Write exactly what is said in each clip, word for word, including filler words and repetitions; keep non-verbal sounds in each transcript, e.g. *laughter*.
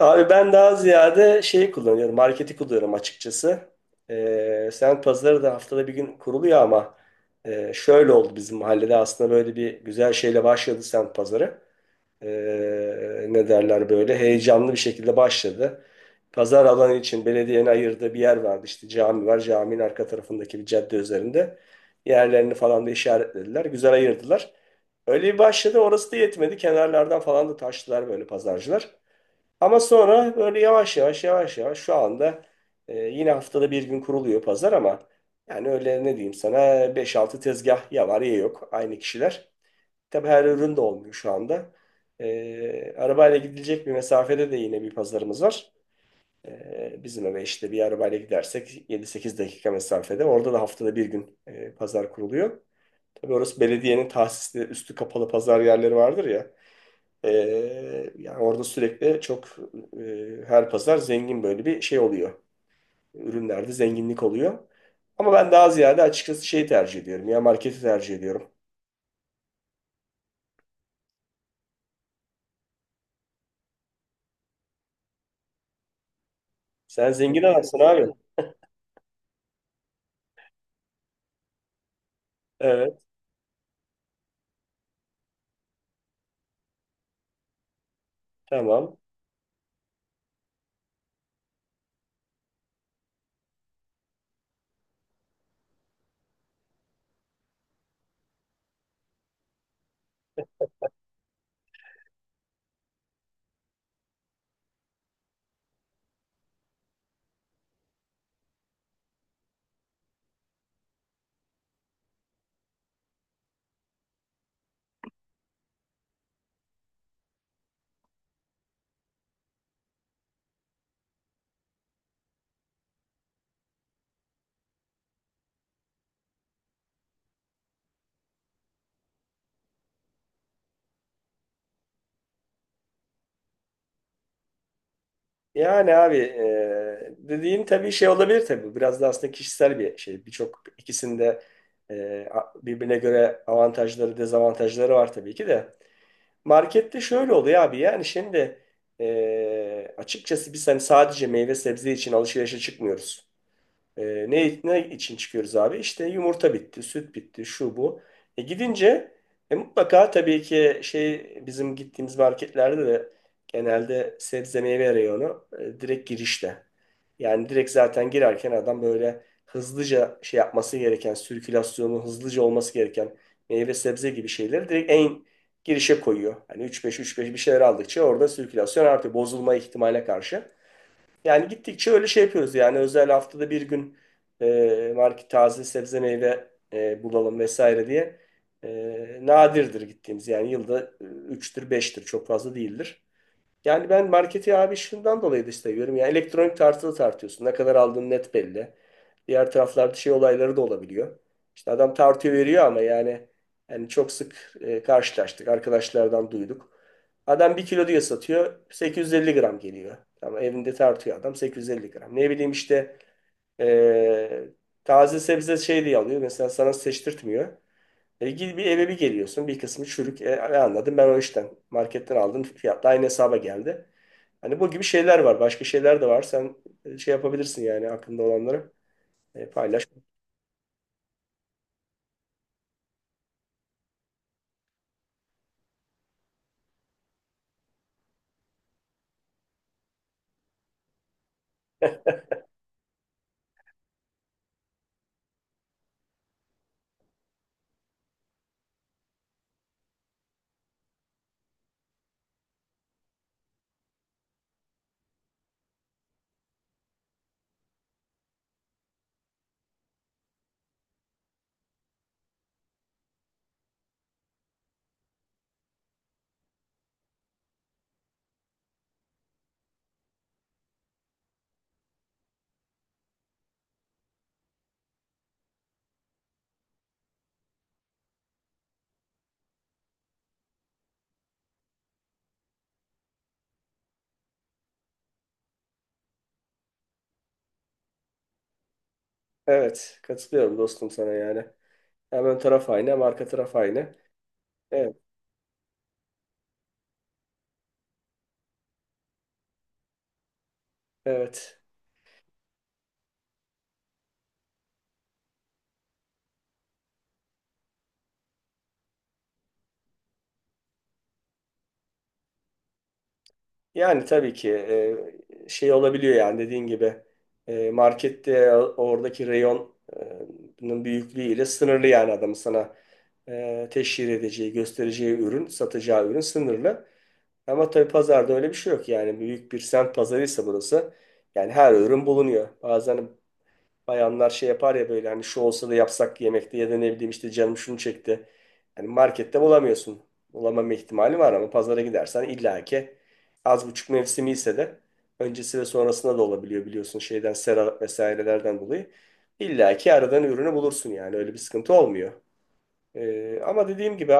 Abi ben daha ziyade şeyi kullanıyorum. Marketi kullanıyorum açıkçası. Ee, semt pazarı da haftada bir gün kuruluyor ama e, şöyle oldu bizim mahallede aslında böyle bir güzel şeyle başladı semt pazarı. Ee, ne derler böyle heyecanlı bir şekilde başladı. Pazar alanı için belediyenin ayırdığı bir yer vardı. İşte cami var. Caminin arka tarafındaki bir cadde üzerinde. Yerlerini falan da işaretlediler. Güzel ayırdılar. Öyle bir başladı. Orası da yetmedi. Kenarlardan falan da taştılar böyle pazarcılar. Ama sonra böyle yavaş yavaş yavaş yavaş şu anda e, yine haftada bir gün kuruluyor pazar ama yani öyle ne diyeyim sana beş altı tezgah ya var ya yok aynı kişiler. Tabii her ürün de olmuyor şu anda. E, arabayla gidilecek bir mesafede de yine bir pazarımız var. E, bizim eve işte bir arabayla gidersek yedi sekiz dakika mesafede. Orada da haftada bir gün e, pazar kuruluyor. Tabii orası belediyenin tahsisli üstü kapalı pazar yerleri vardır ya. Ee, yani orada sürekli çok e, her pazar zengin böyle bir şey oluyor. Ürünlerde zenginlik oluyor. Ama ben daha ziyade açıkçası şeyi tercih ediyorum. Ya marketi tercih ediyorum. Sen zengin adamsın abi. Evet, tamam. Yani abi e, dediğin tabii şey olabilir tabii. Biraz da aslında kişisel bir şey. Birçok ikisinde e, a- birbirine göre avantajları, dezavantajları var tabii ki de. Markette şöyle oluyor abi yani şimdi eee, açıkçası biz hani sadece meyve sebze için alışverişe çıkmıyoruz. E, ne, ne için çıkıyoruz abi? İşte yumurta bitti, süt bitti, şu bu. E, gidince e, mutlaka tabii ki şey bizim gittiğimiz marketlerde de genelde sebze meyve reyonu e, direkt girişte. Yani direkt zaten girerken adam böyle hızlıca şey yapması gereken, sirkülasyonu hızlıca olması gereken meyve sebze gibi şeyleri direkt en girişe koyuyor. Hani üç beş üç beş bir şeyler aldıkça orada sirkülasyon artıyor. Bozulma ihtimaline karşı. Yani gittikçe öyle şey yapıyoruz yani özel haftada bir gün e, market taze sebze meyve e, bulalım vesaire diye e, nadirdir gittiğimiz yani yılda üçtür beştir çok fazla değildir. Yani ben marketi abi şundan dolayı da seviyorum. Yani elektronik tartılı tartıyorsun. Ne kadar aldığın net belli. Diğer taraflarda şey olayları da olabiliyor. İşte adam tartıyor veriyor ama yani yani çok sık e, karşılaştık. Arkadaşlardan duyduk. Adam bir kilo diye satıyor. sekiz yüz elli gram geliyor. Ama evinde tartıyor adam sekiz yüz elli gram. Ne bileyim işte e, taze sebze şey diye alıyor. Mesela sana seçtirtmiyor. E, gidip bir eve bir geliyorsun. Bir kısmı çürük. E, ne anladım ben o işten. Marketten aldım. Fiyat da aynı hesaba geldi. Hani bu gibi şeyler var. Başka şeyler de var. Sen e, şey yapabilirsin yani aklında olanları e, paylaş. Evet. Katılıyorum dostum sana yani. Hem ön taraf aynı hem arka taraf aynı. Evet. Evet. Yani tabii ki e, şey olabiliyor yani dediğin gibi e, markette oradaki reyonun büyüklüğüyle sınırlı yani adamın sana e, teşhir edeceği, göstereceği ürün, satacağı ürün sınırlı. Ama tabii pazarda öyle bir şey yok yani büyük bir semt pazarıysa burası yani her ürün bulunuyor. Bazen bayanlar şey yapar ya böyle hani şu olsa da yapsak yemekte ya da ne bileyim işte canım şunu çekti. Hani markette bulamıyorsun. Bulamama ihtimali var ama pazara gidersen illaki az buçuk mevsimi ise de öncesi ve sonrasında da olabiliyor biliyorsun şeyden sera vesairelerden dolayı. İlla ki aradan ürünü bulursun yani öyle bir sıkıntı olmuyor. Ee, ama dediğim gibi.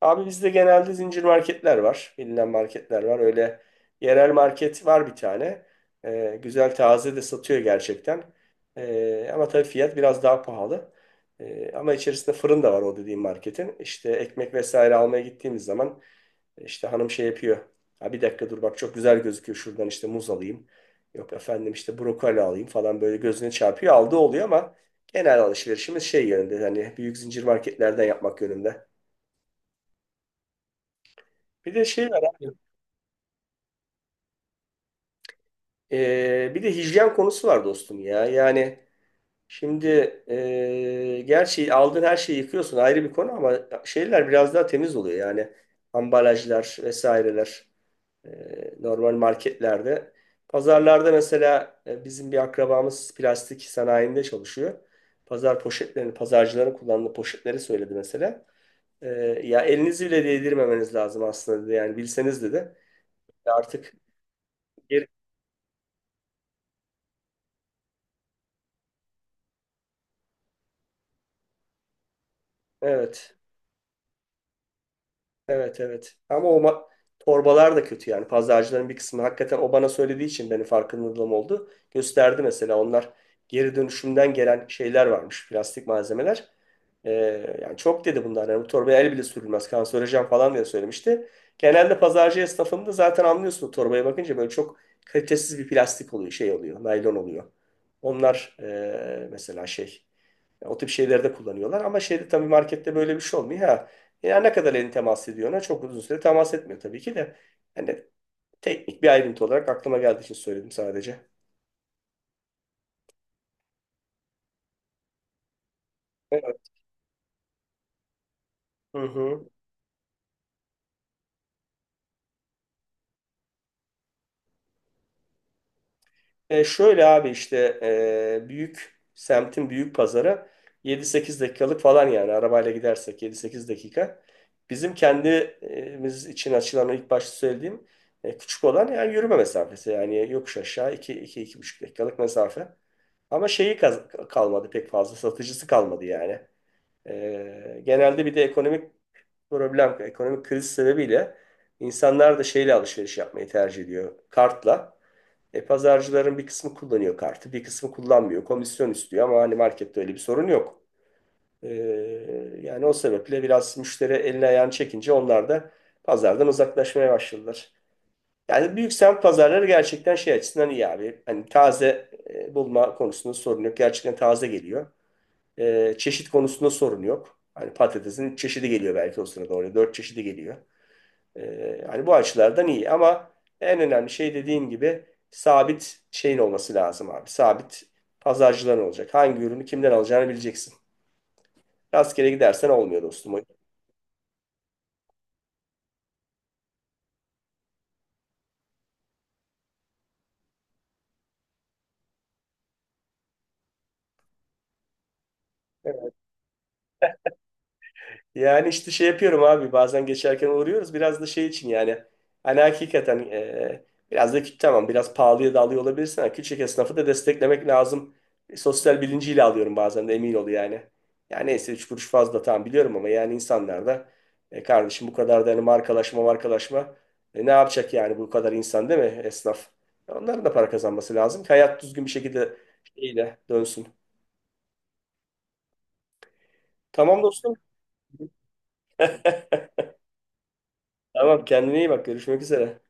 Abi bizde genelde zincir marketler var. Bilinen marketler var. Öyle yerel market var bir tane. Ee, güzel taze de satıyor gerçekten. Ee, ama tabii fiyat biraz daha pahalı. Ee, ama içerisinde fırın da var o dediğim marketin. İşte ekmek vesaire almaya gittiğimiz zaman işte hanım şey yapıyor. Ha bir dakika dur bak çok güzel gözüküyor şuradan işte muz alayım. Yok efendim işte brokoli alayım falan böyle gözüne çarpıyor. Aldığı oluyor ama genel alışverişimiz şey yönünde. Hani büyük zincir marketlerden yapmak yönünde. Bir de şey var abi. e, bir de hijyen konusu var dostum ya. Yani şimdi e, gerçi aldığın her şeyi yıkıyorsun ayrı bir konu ama şeyler biraz daha temiz oluyor. Yani ambalajlar vesaireler e, normal marketlerde. Pazarlarda mesela e, bizim bir akrabamız plastik sanayinde çalışıyor. Pazar poşetlerini, pazarcıların kullandığı poşetleri söyledi mesela. E, ya elinizi bile değdirmemeniz lazım aslında dedi. Yani bilseniz dedi. Artık geri, evet. Evet evet. Ama o ma- torbalar da kötü yani. Pazarcıların bir kısmı hakikaten o bana söylediği için benim farkındalığım oldu. Gösterdi mesela onlar geri dönüşümden gelen şeyler varmış. Plastik malzemeler. Ee, yani çok dedi bunlar. Yani bu torbaya el bile sürülmez. Kanserojen falan diye söylemişti. Genelde pazarcı esnafında zaten anlıyorsun o torbaya bakınca böyle çok kalitesiz bir plastik oluyor. Şey oluyor. Naylon oluyor. Onlar ee, mesela şey. O tip şeylerde kullanıyorlar. Ama şeyde tabii markette böyle bir şey olmuyor. Ha, ya ne kadar elini temas ediyor ona? Çok uzun süre temas etmiyor tabii ki de. Hani teknik bir ayrıntı olarak aklıma geldiği için söyledim sadece. Evet. Hı hı. E, şöyle abi işte e, büyük semtin büyük pazarı yedi sekiz dakikalık falan yani arabayla gidersek yedi sekiz dakika. Bizim kendimiz için açılan o ilk başta söylediğim e, küçük olan yani yürüme mesafesi yani yokuş aşağı iki iki iki buçuk dakikalık mesafe. Ama şeyi kaz- kalmadı pek fazla satıcısı kalmadı yani. E, genelde bir de ekonomik problem, ekonomik kriz sebebiyle insanlar da şeyle alışveriş yapmayı tercih ediyor. Kartla. E, pazarcıların bir kısmı kullanıyor kartı, bir kısmı kullanmıyor. Komisyon istiyor ama hani markette öyle bir sorun yok. E, yani o sebeple biraz müşteri elini ayağını çekince onlar da pazardan uzaklaşmaya başladılar. Yani büyük semt pazarları gerçekten şey açısından iyi abi. Hani taze e, bulma konusunda sorun yok. Gerçekten taze geliyor. E, çeşit konusunda sorun yok. Hani patatesin üç çeşidi geliyor belki o sırada oraya. Dört çeşidi geliyor. Ee, hani bu açılardan iyi ama en önemli şey dediğim gibi sabit şeyin olması lazım abi. Sabit pazarcıların olacak. Hangi ürünü kimden alacağını bileceksin. Rastgele gidersen olmuyor dostum. O. Yani işte şey yapıyorum abi bazen geçerken uğruyoruz biraz da şey için yani hani hakikaten e, biraz da kü- tamam biraz pahalıya da alıyor olabilirsin ama küçük esnafı da desteklemek lazım. E, sosyal bilinciyle alıyorum bazen de emin ol yani. Yani neyse üç kuruş fazla tamam biliyorum ama yani insanlar da e, kardeşim bu kadar da hani markalaşma markalaşma e, ne yapacak yani bu kadar insan değil mi esnaf? Onların da para kazanması lazım ki hayat düzgün bir şekilde şeyle dönsün. Tamam dostum. *laughs* Tamam kendine iyi bak görüşmek üzere.